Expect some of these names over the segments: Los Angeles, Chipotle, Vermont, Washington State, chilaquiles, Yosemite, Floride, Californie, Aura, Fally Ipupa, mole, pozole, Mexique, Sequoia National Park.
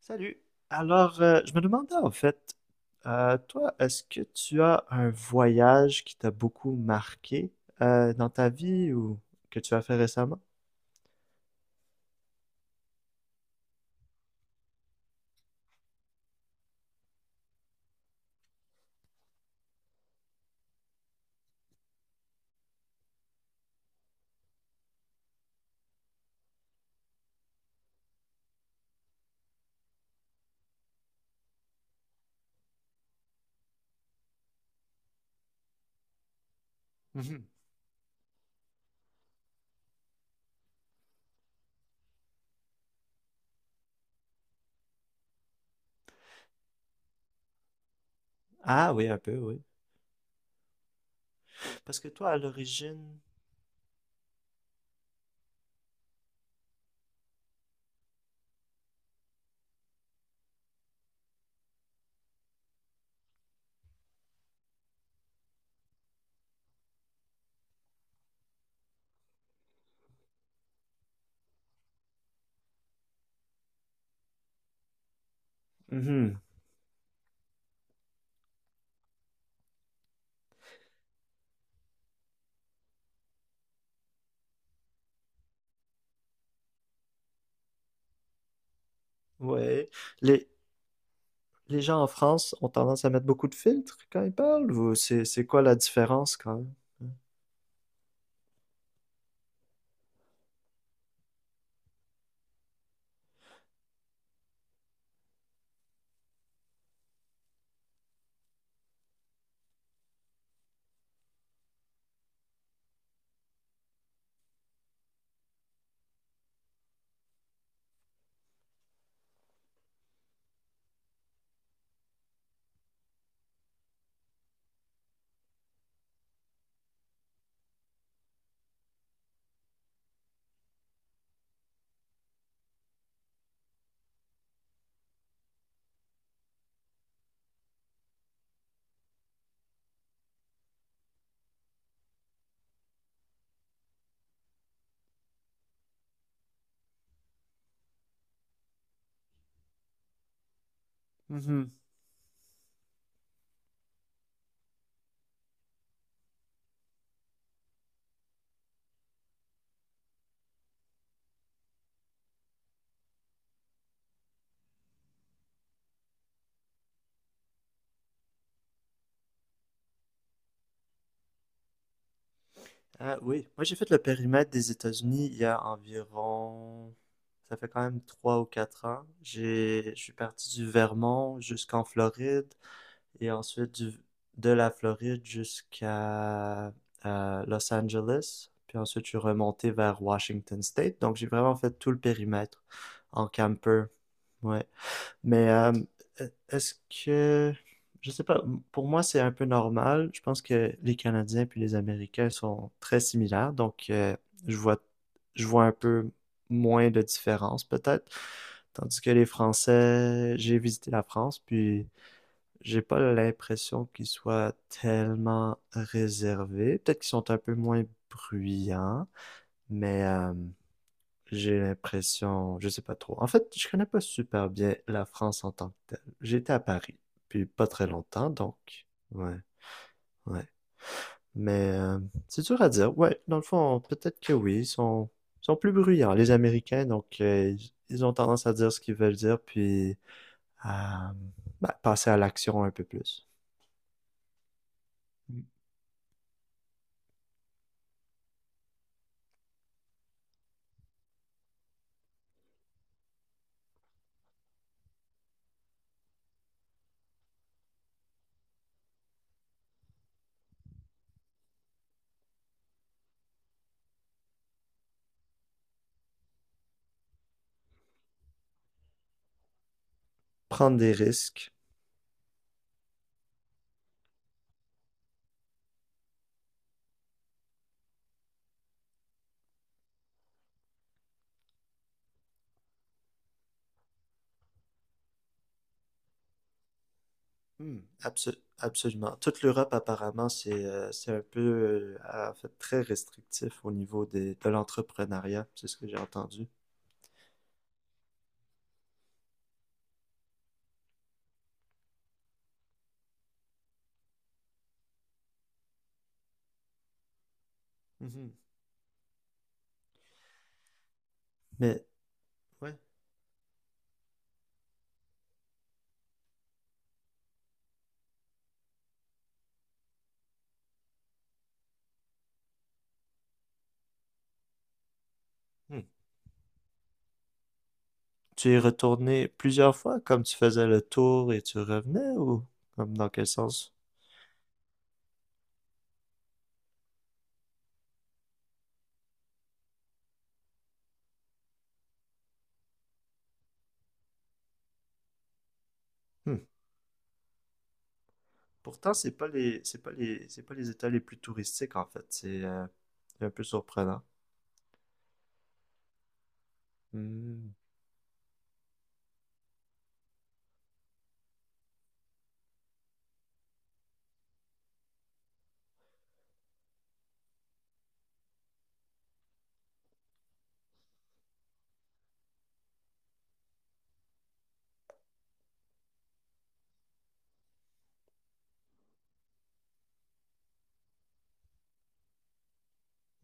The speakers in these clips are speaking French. Salut. Alors, je me demandais en fait, toi, est-ce que tu as un voyage qui t'a beaucoup marqué dans ta vie ou que tu as fait récemment? Mhm. Ah oui, un peu, oui. Parce que toi, à l'origine, mhm, ouais, les, les gens en France ont tendance à mettre beaucoup de filtres quand ils parlent ou c'est quoi la différence quand même? Ah oui, moi j'ai fait le périmètre des États-Unis il y a environ, ça fait quand même 3 ou 4 ans. Je suis parti du Vermont jusqu'en Floride et ensuite de la Floride jusqu'à Los Angeles. Puis ensuite je suis remonté vers Washington State. Donc j'ai vraiment fait tout le périmètre en camper. Ouais. Mais est-ce que, je sais pas, pour moi c'est un peu normal. Je pense que les Canadiens puis les Américains sont très similaires, donc je vois, je vois un peu moins de différence peut-être. Tandis que les Français, j'ai visité la France, puis j'ai pas l'impression qu'ils soient tellement réservés. Peut-être qu'ils sont un peu moins bruyants, mais j'ai l'impression, je sais pas trop. En fait, je connais pas super bien la France en tant que telle. J'étais à Paris, puis pas très longtemps, donc ouais, ouais. Mais c'est dur à dire. Ouais, dans le fond, peut-être que oui, ils sont plus bruyants les Américains, donc ils ont tendance à dire ce qu'ils veulent dire, puis à bah, passer à l'action un peu plus. Prendre des risques. Hmm. Absolument. Toute l'Europe, apparemment, c'est un peu, en fait, très restrictif au niveau de l'entrepreneuriat. C'est ce que j'ai entendu. Mhm. Mais ouais, hmm, tu es retourné plusieurs fois, comme tu faisais le tour et tu revenais, ou comme dans quel sens? Pourtant, c'est pas les États les plus touristiques, en fait. C'est un peu surprenant. Hmm.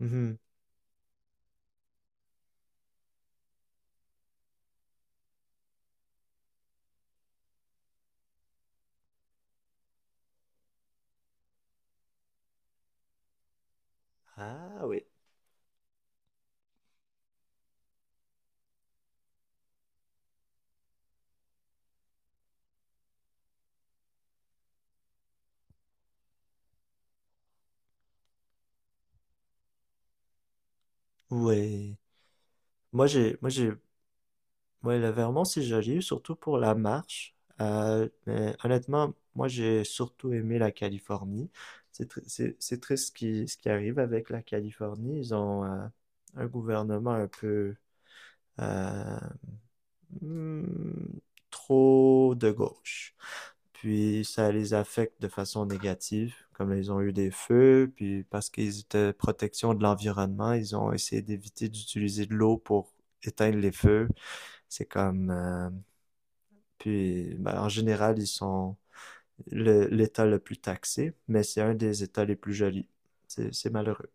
Mhm. Ah oui. Oui. Moi, j'ai, moi, j'ai, ouais, le Vermont, c'est joli, surtout pour la marche. Mais honnêtement, moi, j'ai surtout aimé la Californie. C'est triste ce qui arrive avec la Californie. Ils ont un gouvernement un peu euh, hmm, trop de gauche. Puis ça les affecte de façon négative, comme ils ont eu des feux, puis parce qu'ils étaient protection de l'environnement, ils ont essayé d'éviter d'utiliser de l'eau pour éteindre les feux. C'est comme... euh, puis ben, en général, ils sont l'État le plus taxé, mais c'est un des États les plus jolis. C'est malheureux.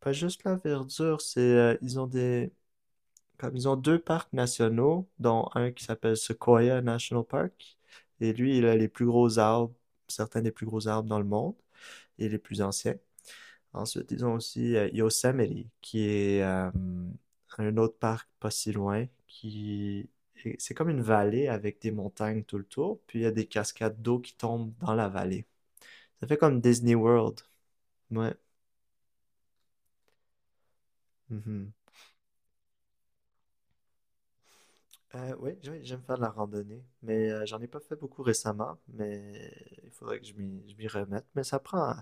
Pas juste la verdure, ils ont des... Comme ils ont deux parcs nationaux, dont un qui s'appelle Sequoia National Park. Et lui, il a les plus gros arbres, certains des plus gros arbres dans le monde et les plus anciens. Ensuite, ils ont aussi Yosemite, qui est un autre parc pas si loin, qui et c'est comme une vallée avec des montagnes tout le tour, puis il y a des cascades d'eau qui tombent dans la vallée. Ça fait comme Disney World. Ouais. Mhm. Oui, oui, j'aime faire de la randonnée, mais j'en ai pas fait beaucoup récemment, mais il faudrait que je m'y remette. Mais ça prend,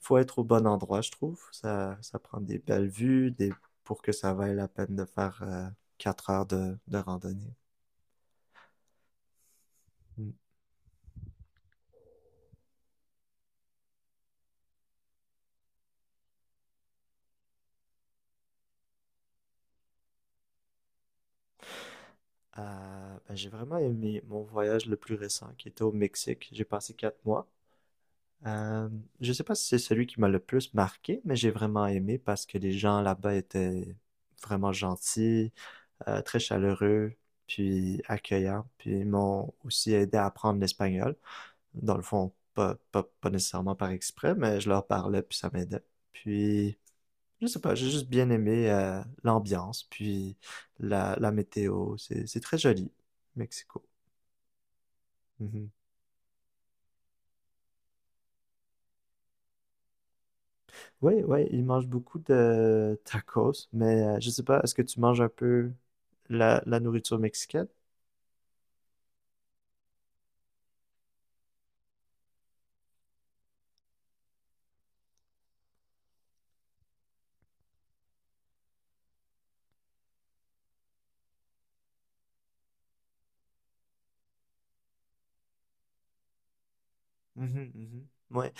faut être au bon endroit, je trouve. Ça prend des belles vues, des... pour que ça vaille la peine de faire 4 heures de randonnée. Mm. Ben, j'ai vraiment aimé mon voyage le plus récent, qui était au Mexique. J'ai passé 4 mois. Euh, je sais pas si c'est celui qui m'a le plus marqué, mais j'ai vraiment aimé parce que les gens là-bas étaient vraiment gentils. Très chaleureux, puis accueillant, puis ils m'ont aussi aidé à apprendre l'espagnol. Dans le fond, pas nécessairement par exprès, mais je leur parlais, puis ça m'aidait. Puis, je sais pas, j'ai juste bien aimé l'ambiance, puis la météo. C'est très joli, Mexico. Mhm. Oui, oui, ils mangent beaucoup de tacos, mais je sais pas, est-ce que tu manges un peu la nourriture mexicaine? Mhm, mhm. Ouais.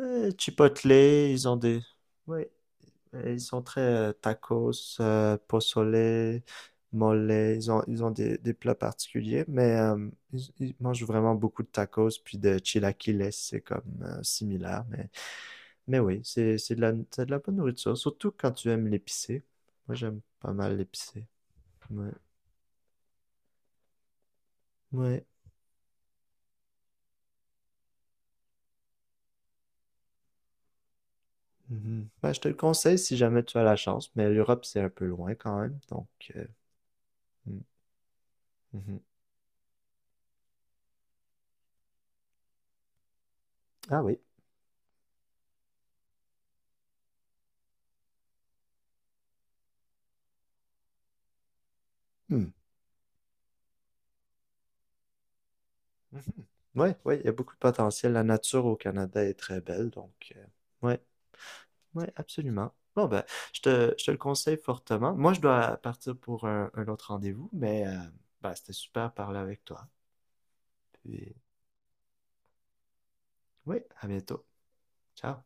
Chipotle, ils ont des... Ouais. Et ils sont très tacos, pozole, mole. Ils ont des plats particuliers, mais ils mangent vraiment beaucoup de tacos, puis de chilaquiles, c'est comme similaire. Mais oui, c'est de la bonne nourriture, surtout quand tu aimes l'épicé. Moi, j'aime pas mal l'épicé. Ouais. Ouais. Mhm. Ben, je te le conseille si jamais tu as la chance, mais l'Europe, c'est un peu loin quand même. Donc, euh, mm, mhm. Ah oui. Hmm. Mhm. Ouais, ouais, il y a beaucoup de potentiel. La nature au Canada est très belle, donc ouais, ouais, absolument. Bon ben, je te le conseille fortement. Moi, je dois partir pour un autre rendez-vous, mais ben, c'était super de parler avec toi. Puis, oui, à bientôt. Ciao.